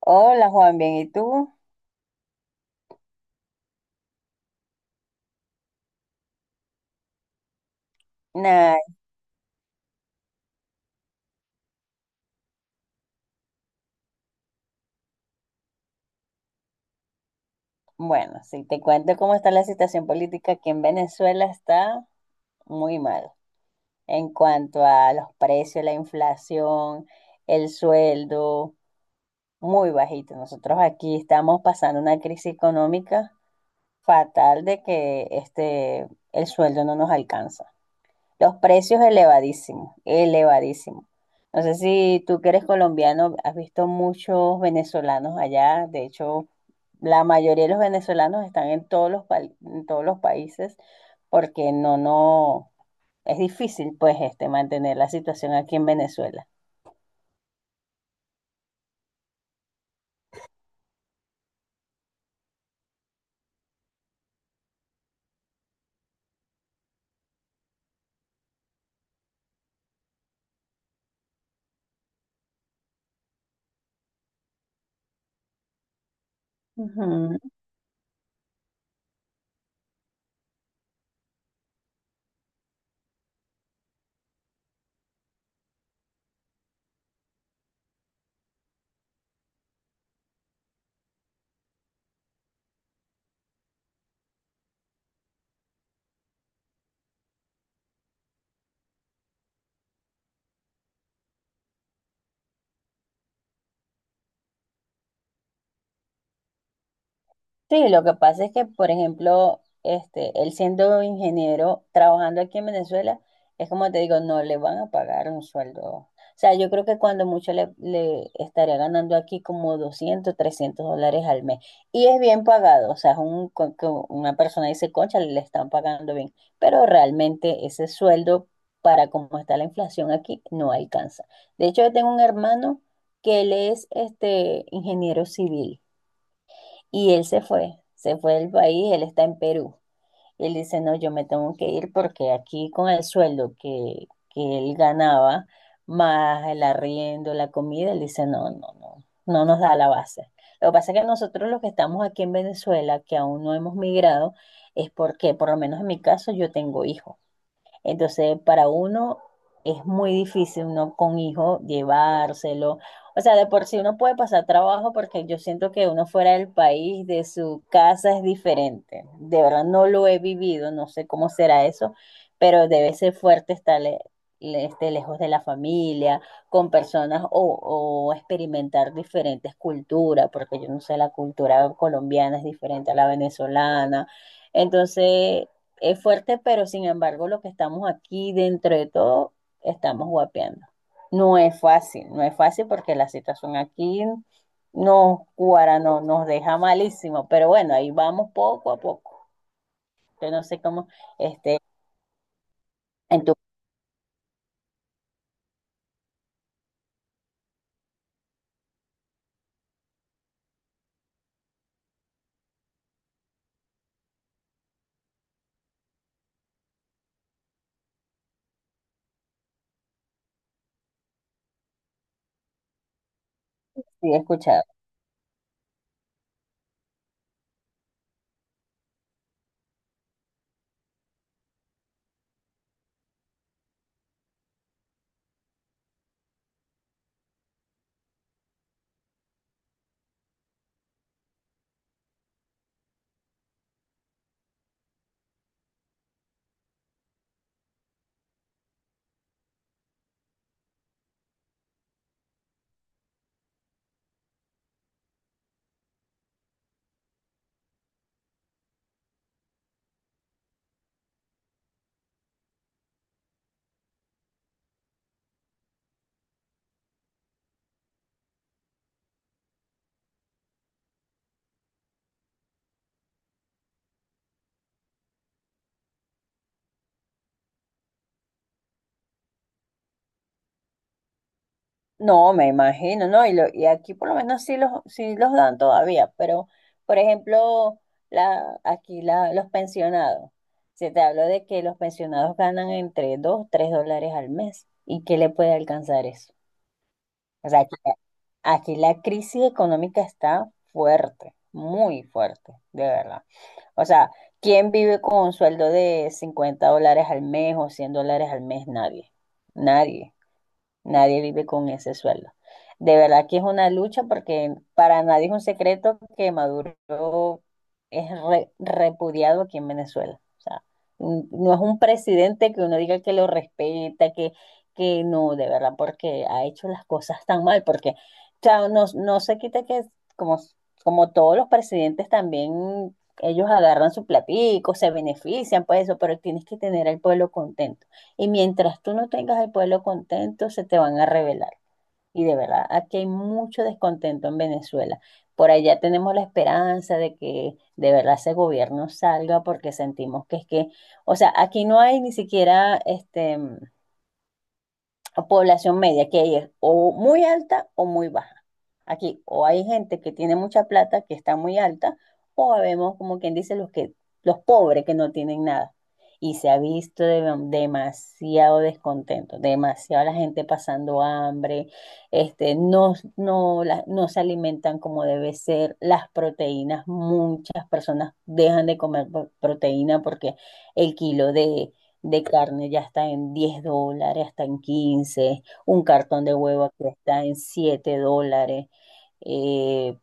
Hola Juan, bien, ¿y tú? Nah, bueno, si te cuento cómo está la situación política aquí en Venezuela, está muy mal en cuanto a los precios, la inflación, el sueldo, muy bajito. Nosotros aquí estamos pasando una crisis económica fatal de que el sueldo no nos alcanza. Los precios elevadísimos, elevadísimos. No sé si tú que eres colombiano, has visto muchos venezolanos allá. De hecho, la mayoría de los venezolanos están en en todos los países porque no, no, es difícil pues mantener la situación aquí en Venezuela. Ujú. Sí, lo que pasa es que, por ejemplo, él siendo ingeniero, trabajando aquí en Venezuela, es como te digo, no le van a pagar un sueldo. O sea, yo creo que cuando mucho le estaría ganando aquí como $200, $300 al mes. Y es bien pagado, o sea, es una persona dice, concha, le están pagando bien. Pero realmente ese sueldo, para cómo está la inflación aquí, no alcanza. De hecho, yo tengo un hermano que él es ingeniero civil. Y él se fue del país, él está en Perú. Él dice, no, yo me tengo que ir porque aquí con el sueldo que él ganaba, más el arriendo, la comida, él dice, no, no, no, no nos da la base. Lo que pasa es que nosotros los que estamos aquí en Venezuela, que aún no hemos migrado, es porque, por lo menos en mi caso, yo tengo hijos. Entonces, para uno es muy difícil uno con hijo llevárselo. O sea, de por sí uno puede pasar trabajo porque yo siento que uno fuera del país, de su casa es diferente. De verdad no lo he vivido, no sé cómo será eso, pero debe ser fuerte estar lejos de la familia, con personas o experimentar diferentes culturas, porque yo no sé, la cultura colombiana es diferente a la venezolana. Entonces, es fuerte, pero sin embargo, lo que estamos aquí dentro de todo, estamos guapeando. No es fácil, no es fácil porque la situación aquí nos cuara, no, nos deja malísimo, pero bueno, ahí vamos poco a poco. Yo no sé cómo, este, en tu sí he escuchado. No, me imagino, ¿no? Y aquí por lo menos sí los dan todavía, pero por ejemplo, aquí los pensionados, se te habló de que los pensionados ganan entre 2 3 dólares al mes. ¿Y qué le puede alcanzar eso? O sea, aquí la crisis económica está fuerte, muy fuerte, de verdad. O sea, ¿quién vive con un sueldo de $50 al mes o $100 al mes? Nadie, nadie. Nadie vive con ese sueldo. De verdad que es una lucha porque para nadie es un secreto que Maduro es repudiado aquí en Venezuela. O sea, no es un presidente que uno diga que lo respeta, que no, de verdad, porque ha hecho las cosas tan mal, porque o sea, no, no se quita que como, como todos los presidentes también ellos agarran su platico, se benefician por eso, pero tienes que tener al pueblo contento. Y mientras tú no tengas al pueblo contento, se te van a rebelar. Y de verdad, aquí hay mucho descontento en Venezuela. Por allá tenemos la esperanza de que de verdad ese gobierno salga porque sentimos que es que, o sea, aquí no hay ni siquiera o población media, que es o muy alta o muy baja. Aquí o hay gente que tiene mucha plata, que está muy alta, o vemos como quien dice los pobres que no tienen nada. Y se ha visto demasiado descontento, demasiado la gente pasando hambre, no, no, no se alimentan como debe ser, las proteínas, muchas personas dejan de comer proteína porque el kilo de carne ya está en $10, está en 15, un cartón de huevo aquí está en $7, eh,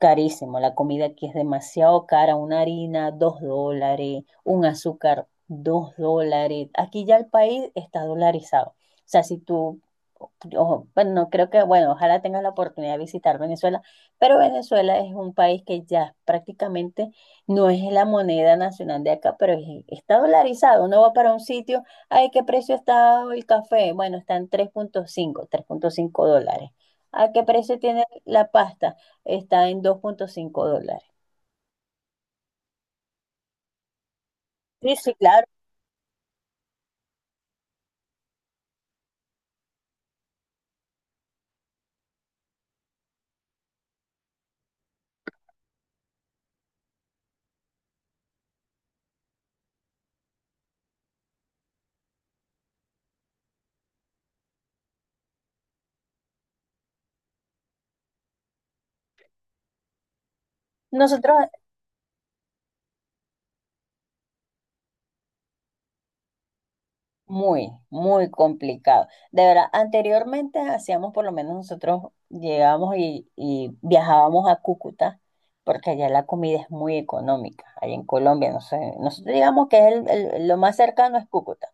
carísimo, la comida aquí es demasiado cara, una harina, dos dólares, un azúcar, dos dólares. Aquí ya el país está dolarizado. O sea, si tú, ojo, bueno, no creo que, bueno, ojalá tengas la oportunidad de visitar Venezuela, pero Venezuela es un país que ya prácticamente no es la moneda nacional de acá, pero está dolarizado. Uno va para un sitio, ay, ¿qué precio está el café? Bueno, está en tres punto cinco dólares. ¿A qué precio tiene la pasta? Está en dos punto cinco dólares. Sí, sí, claro. Nosotros. Muy, muy complicado. De verdad, anteriormente hacíamos, por lo menos nosotros llegábamos y viajábamos a Cúcuta, porque allá la comida es muy económica, allá en Colombia, no sé, nosotros digamos que es lo más cercano es Cúcuta.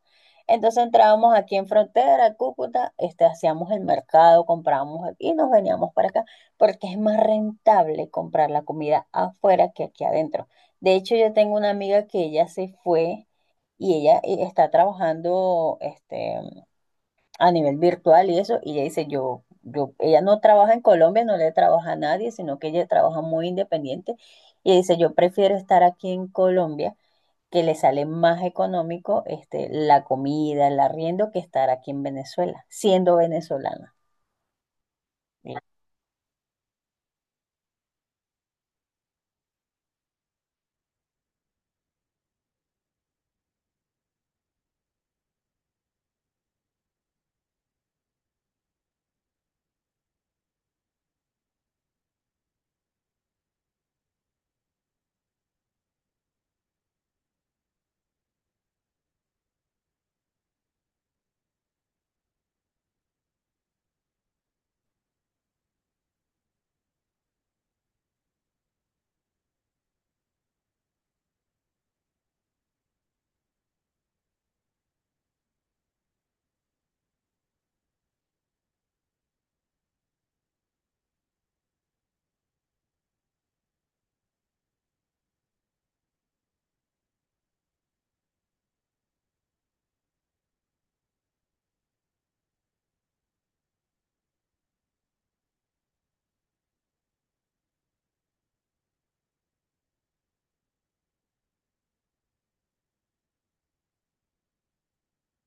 Entonces entrábamos aquí en frontera, Cúcuta, hacíamos el mercado, comprábamos y nos veníamos para acá, porque es más rentable comprar la comida afuera que aquí adentro. De hecho, yo tengo una amiga que ella se fue y ella está trabajando a nivel virtual y eso, y ella dice, ella no trabaja en Colombia, no le trabaja a nadie, sino que ella trabaja muy independiente, y ella dice, yo prefiero estar aquí en Colombia, que le sale más económico la comida, el arriendo, que estar aquí en Venezuela, siendo venezolana. Mira.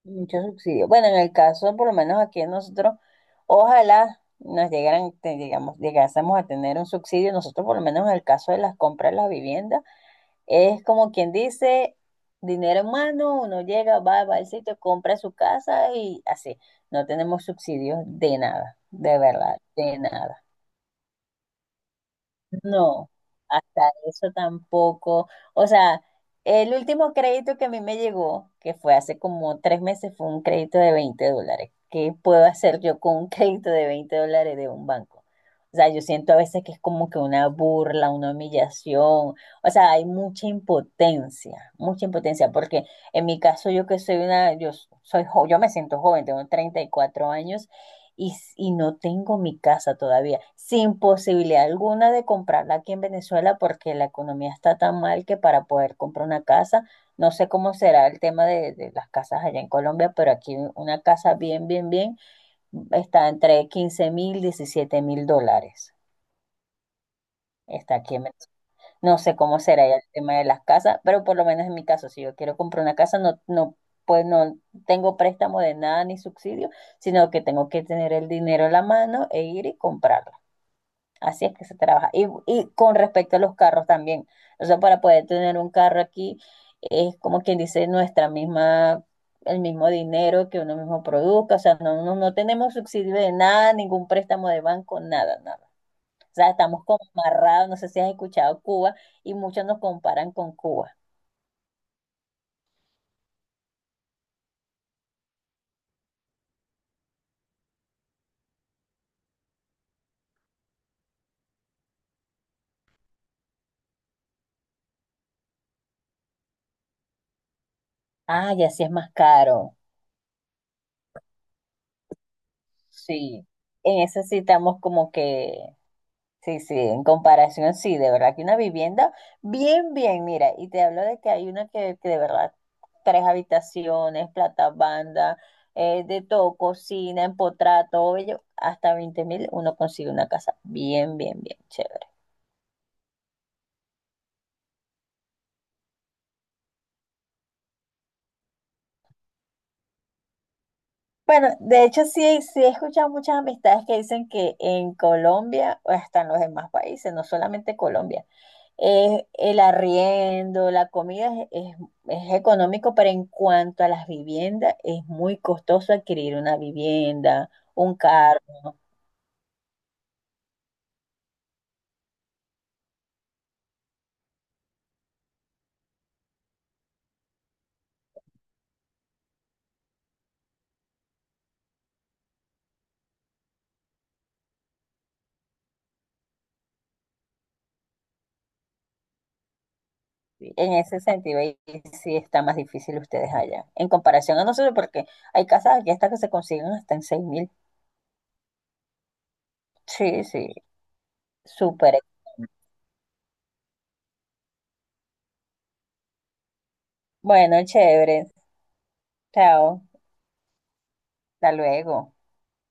Mucho subsidio. Bueno, en el caso, por lo menos aquí nosotros, ojalá nos llegaran, digamos, llegásemos a tener un subsidio, nosotros por lo menos en el caso de las compras de las viviendas, es como quien dice, dinero en mano, uno llega, va al sitio, compra su casa y así. No tenemos subsidios de nada, de verdad, de nada. No, hasta eso tampoco. O sea, el último crédito que a mí me llegó, que fue hace como 3 meses, fue un crédito de $20. ¿Qué puedo hacer yo con un crédito de 20 dólares de un banco? O sea, yo siento a veces que es como que una burla, una humillación. O sea, hay mucha impotencia, porque en mi caso yo que soy una, yo me siento joven, tengo 34 años y no tengo mi casa todavía, sin posibilidad alguna de comprarla aquí en Venezuela porque la economía está tan mal que para poder comprar una casa, no sé cómo será el tema de las casas allá en Colombia, pero aquí una casa bien, bien, bien está entre $15.000, $17.000. Está aquí en Venezuela. No sé cómo será ya el tema de las casas, pero por lo menos en mi caso, si yo quiero comprar una casa, no, no, pues no tengo préstamo de nada ni subsidio, sino que tengo que tener el dinero en la mano e ir y comprarla. Así es que se trabaja. Y con respecto a los carros también. O sea, para poder tener un carro aquí, es como quien dice nuestra misma, el mismo dinero que uno mismo produzca. O sea, no, no, no tenemos subsidio de nada, ningún préstamo de banco, nada, nada. O sea, estamos como amarrados, no sé si has escuchado Cuba, y muchos nos comparan con Cuba. Ah, ya sí es más caro. Sí. En eso sí estamos como que, sí, sí, en comparación, sí, de verdad que una vivienda, bien, bien, mira, y te hablo de que hay una que de verdad, tres habitaciones, plata banda, de todo, cocina, empotrado, todo ello, hasta 20.000 uno consigue una casa bien, bien, bien, chévere. Bueno, de hecho sí, sí he escuchado muchas amistades que dicen que en Colombia, o hasta en los demás países, no solamente Colombia, el arriendo, la comida es, es- es económico, pero en cuanto a las viviendas, es muy costoso adquirir una vivienda, un carro. ¿No? Sí. En ese sentido, ahí sí está más difícil ustedes allá, en comparación a nosotros, porque hay casas aquí hasta que se consiguen hasta en 6.000. Sí, sí, súper. Bueno, chévere. Chao. Hasta luego.